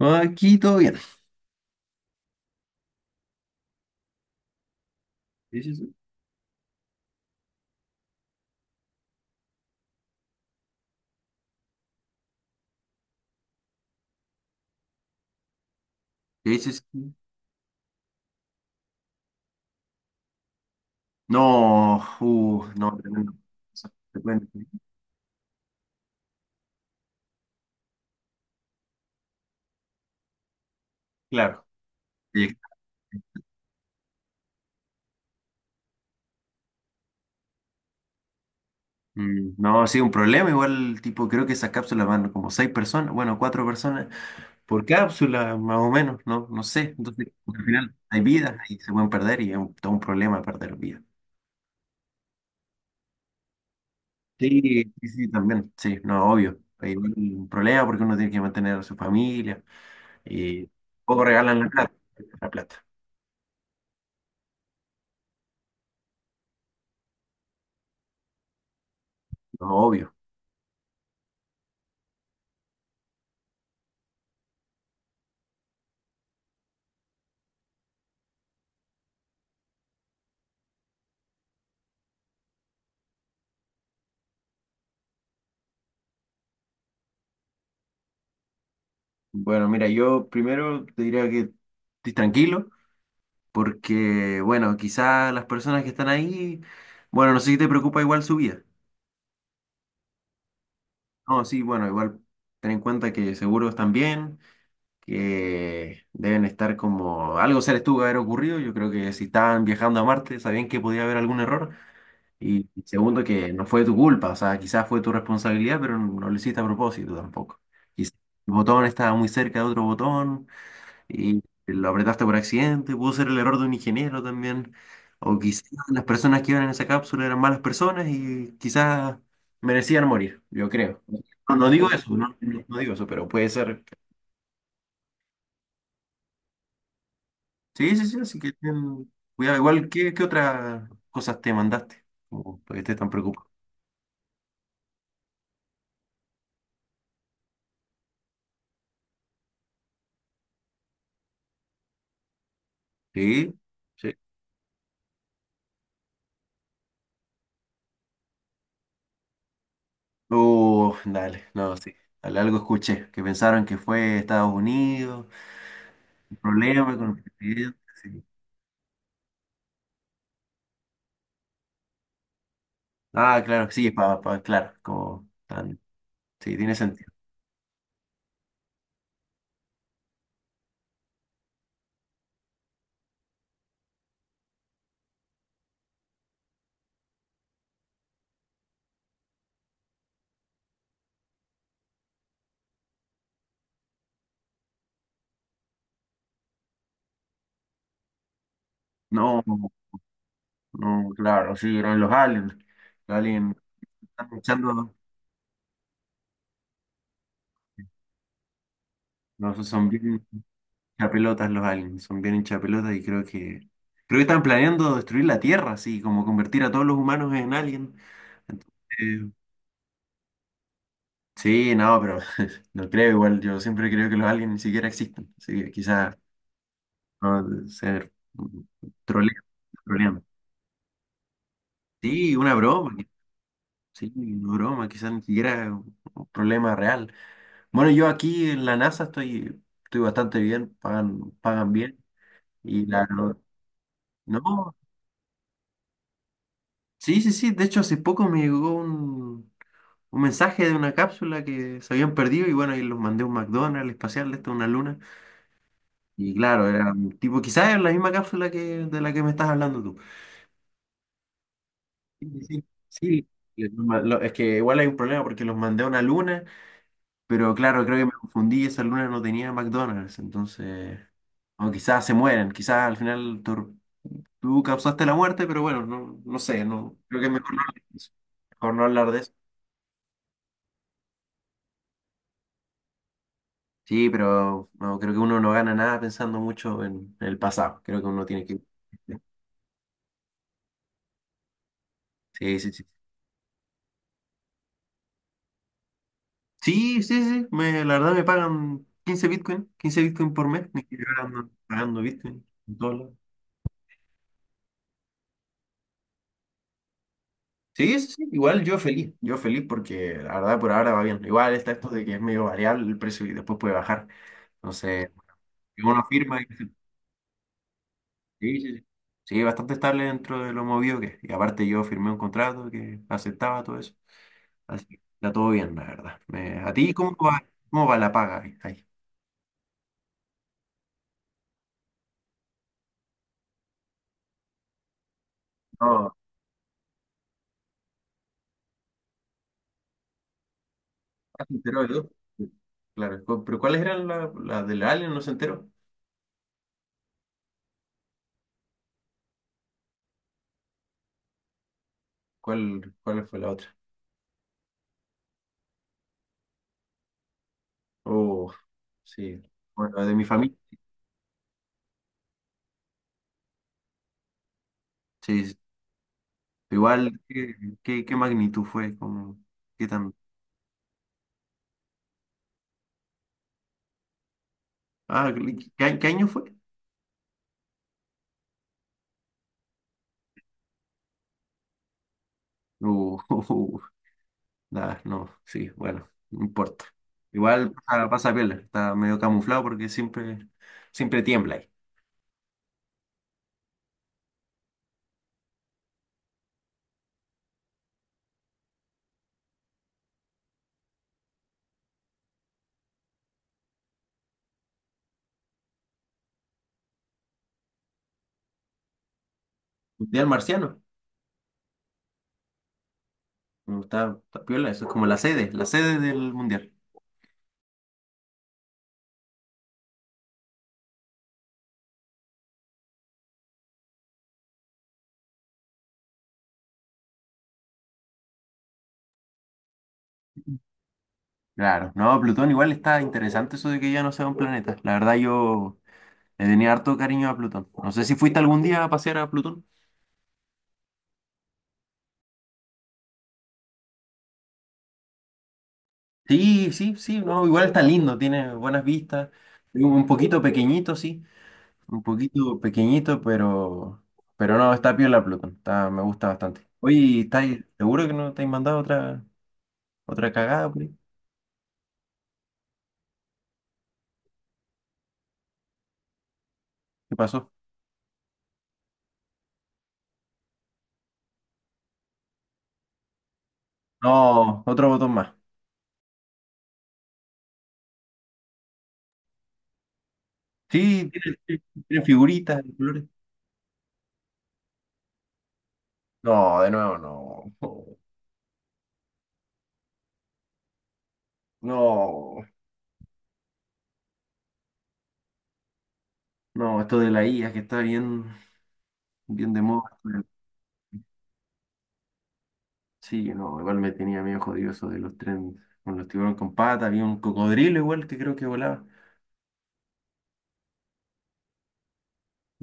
Aquí todo bien. ¿Qué dices? ¿Qué dices? No, no, tremendo. Eso, te cuento. Claro. Sí. Mm, no, sí, un problema. Igual, tipo, creo que esas cápsulas van como seis personas, bueno, cuatro personas por cápsula, más o menos, no, no sé. Entonces, al final hay vidas y se pueden perder y es todo un problema perder vidas. Sí, sí, sí, también, sí, no, obvio. Hay un problema porque uno tiene que mantener a su familia y poco regalan la plata, no, obvio. Bueno, mira, yo primero te diría que estés tranquilo, porque, bueno, quizás las personas que están ahí, bueno, no sé si te preocupa igual su vida. No, sí, bueno, igual ten en cuenta que seguro están bien, que deben estar como, algo se les tuvo que haber ocurrido, yo creo que si estaban viajando a Marte, sabían que podía haber algún error, y segundo, que no fue tu culpa, o sea, quizás fue tu responsabilidad, pero no lo hiciste a propósito tampoco. Quizás el botón estaba muy cerca de otro botón y lo apretaste por accidente, pudo ser el error de un ingeniero también. O quizás las personas que iban en esa cápsula eran malas personas y quizás merecían morir, yo creo. No, no digo eso, no, no digo eso, pero puede ser. Sí, sí, sí, así que ten cuidado. Igual, ¿qué otras cosas te mandaste? Como para que estés tan preocupado. Sí, sí. Dale, no, sí. Dale, algo escuché, que pensaron que fue Estados Unidos, un problema con el presidente. Sí. Ah, claro, sí, pa, claro, como tan, sí, tiene sentido. No, no, claro, sí, eran los aliens. Los aliens están echando, no, son bien chapelotas los aliens, son bien hinchapelotas y creo que están planeando destruir la Tierra, así, como convertir a todos los humanos en alien. Eh, sí, no, pero no creo igual, yo siempre creo que los aliens ni siquiera existen, así que quizás no, ser troleando, troleando. Sí, una broma. Sí, una broma, quizás ni siquiera es un problema real. Bueno, yo aquí en la NASA estoy, estoy bastante bien, pagan, pagan bien. No, no, sí, sí, sí. De hecho, hace poco me llegó un mensaje de una cápsula que se habían perdido y bueno, y los mandé a un McDonald's espacial, esto es una luna. Y claro, era un tipo, quizás es la misma cápsula que de la que me estás hablando tú. Sí, sí, sí. Sí, es que igual hay un problema porque los mandé a una luna. Pero claro, creo que me confundí y esa luna no tenía McDonald's, entonces. O quizás se mueren, quizás al final tú causaste la muerte, pero bueno, no, no sé, no, creo que es mejor no hablar de eso. Mejor no hablar de eso. Sí, pero no, creo que uno no gana nada pensando mucho en el pasado. Creo que uno tiene que. Sí, sí, sí. Sí, sí, sí, me, la verdad me pagan 15 Bitcoin por mes, ni siquiera ando pagando Bitcoin, dólar. Sí, sí, sí, igual yo feliz porque la verdad por ahora va bien. Igual está esto de que es medio variable el precio y después puede bajar. Entonces, si uno firma y. Sí, sí, sí. Sí, bastante estable dentro de lo movido que es. Y aparte yo firmé un contrato que aceptaba todo eso. Así que está todo bien, la verdad. ¿A ti cómo va la paga ahí? No, ah, se enteró de todo. Claro, pero ¿cuáles eran las la del Alien? No se enteró. ¿Cuál fue la otra? Oh, sí. Bueno, la de mi familia. Igual, ¿qué magnitud fue? Como, ¿qué tan? Ah, ¿qué año fue? Uh, nada, no, sí, bueno, no importa. Igual pasa, pasa piola, está medio camuflado porque siempre, siempre tiembla ahí. Mundial marciano, no, está, está piola, eso es como la sede del mundial. Claro, no, Plutón igual está interesante eso de que ya no sea un planeta. La verdad yo le tenía harto cariño a Plutón. No sé si fuiste algún día a pasear a Plutón. Sí, sí, sí, no, igual está lindo, tiene buenas vistas. Es un poquito pequeñito, sí, un poquito pequeñito, pero no, está piola Plutón, está, me gusta bastante. Oye, ¿estáis seguro que no te has mandado otra cagada por ahí? ¿Qué pasó? No, otro botón más. Sí, tiene figuritas de colores. No, de nuevo, no. No, no, esto de la IA que está bien, bien de moda. Sí, no, igual me tenía medio jodido eso de los trenes con los tiburones con patas. Había un cocodrilo igual que creo que volaba.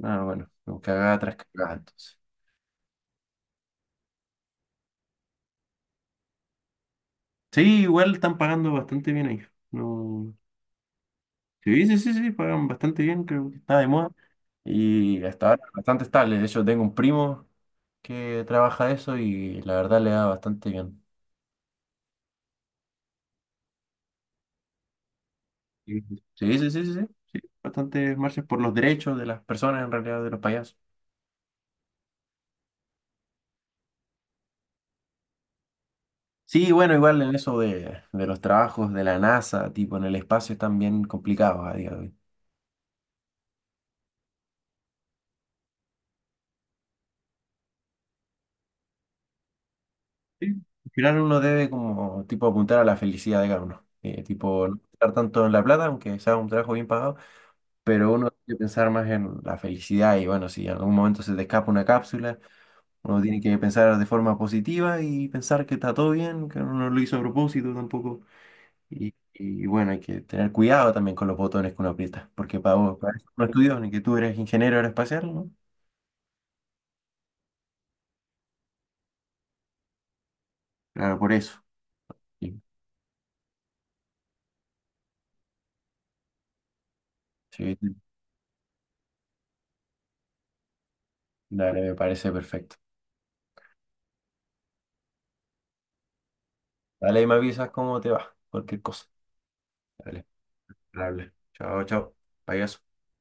Ah, bueno, no, cagada tras cagada entonces. Sí, igual están pagando bastante bien ahí. No. Sí, sí, sí, sí, pagan bastante bien, creo que está de moda. Y hasta ahora bastante estable. De hecho, tengo un primo que trabaja de eso y la verdad le da bastante bien. Sí, sí, sí, sí, sí. Sí, bastantes marchas por los derechos de las personas en realidad, de los payasos. Sí, bueno, igual en eso de los trabajos de la NASA, tipo en el espacio, están bien complicados a día de hoy. Sí. Al final uno debe como tipo apuntar a la felicidad de cada uno. Tipo, no estar tanto en la plata, aunque sea un trabajo bien pagado, pero uno tiene que pensar más en la felicidad y bueno, si en algún momento se te escapa una cápsula, uno tiene que pensar de forma positiva y pensar que está todo bien, que uno no lo hizo a propósito tampoco. Y bueno, hay que tener cuidado también con los botones que uno aprieta, porque para vos, para eso uno estudió, ni que tú eres ingeniero aeroespacial, ¿no? Claro, por eso. Sí, sí, dale, me parece perfecto. Dale, y me avisas cómo te va, cualquier cosa. Dale, dale. Chao, chao. Payaso.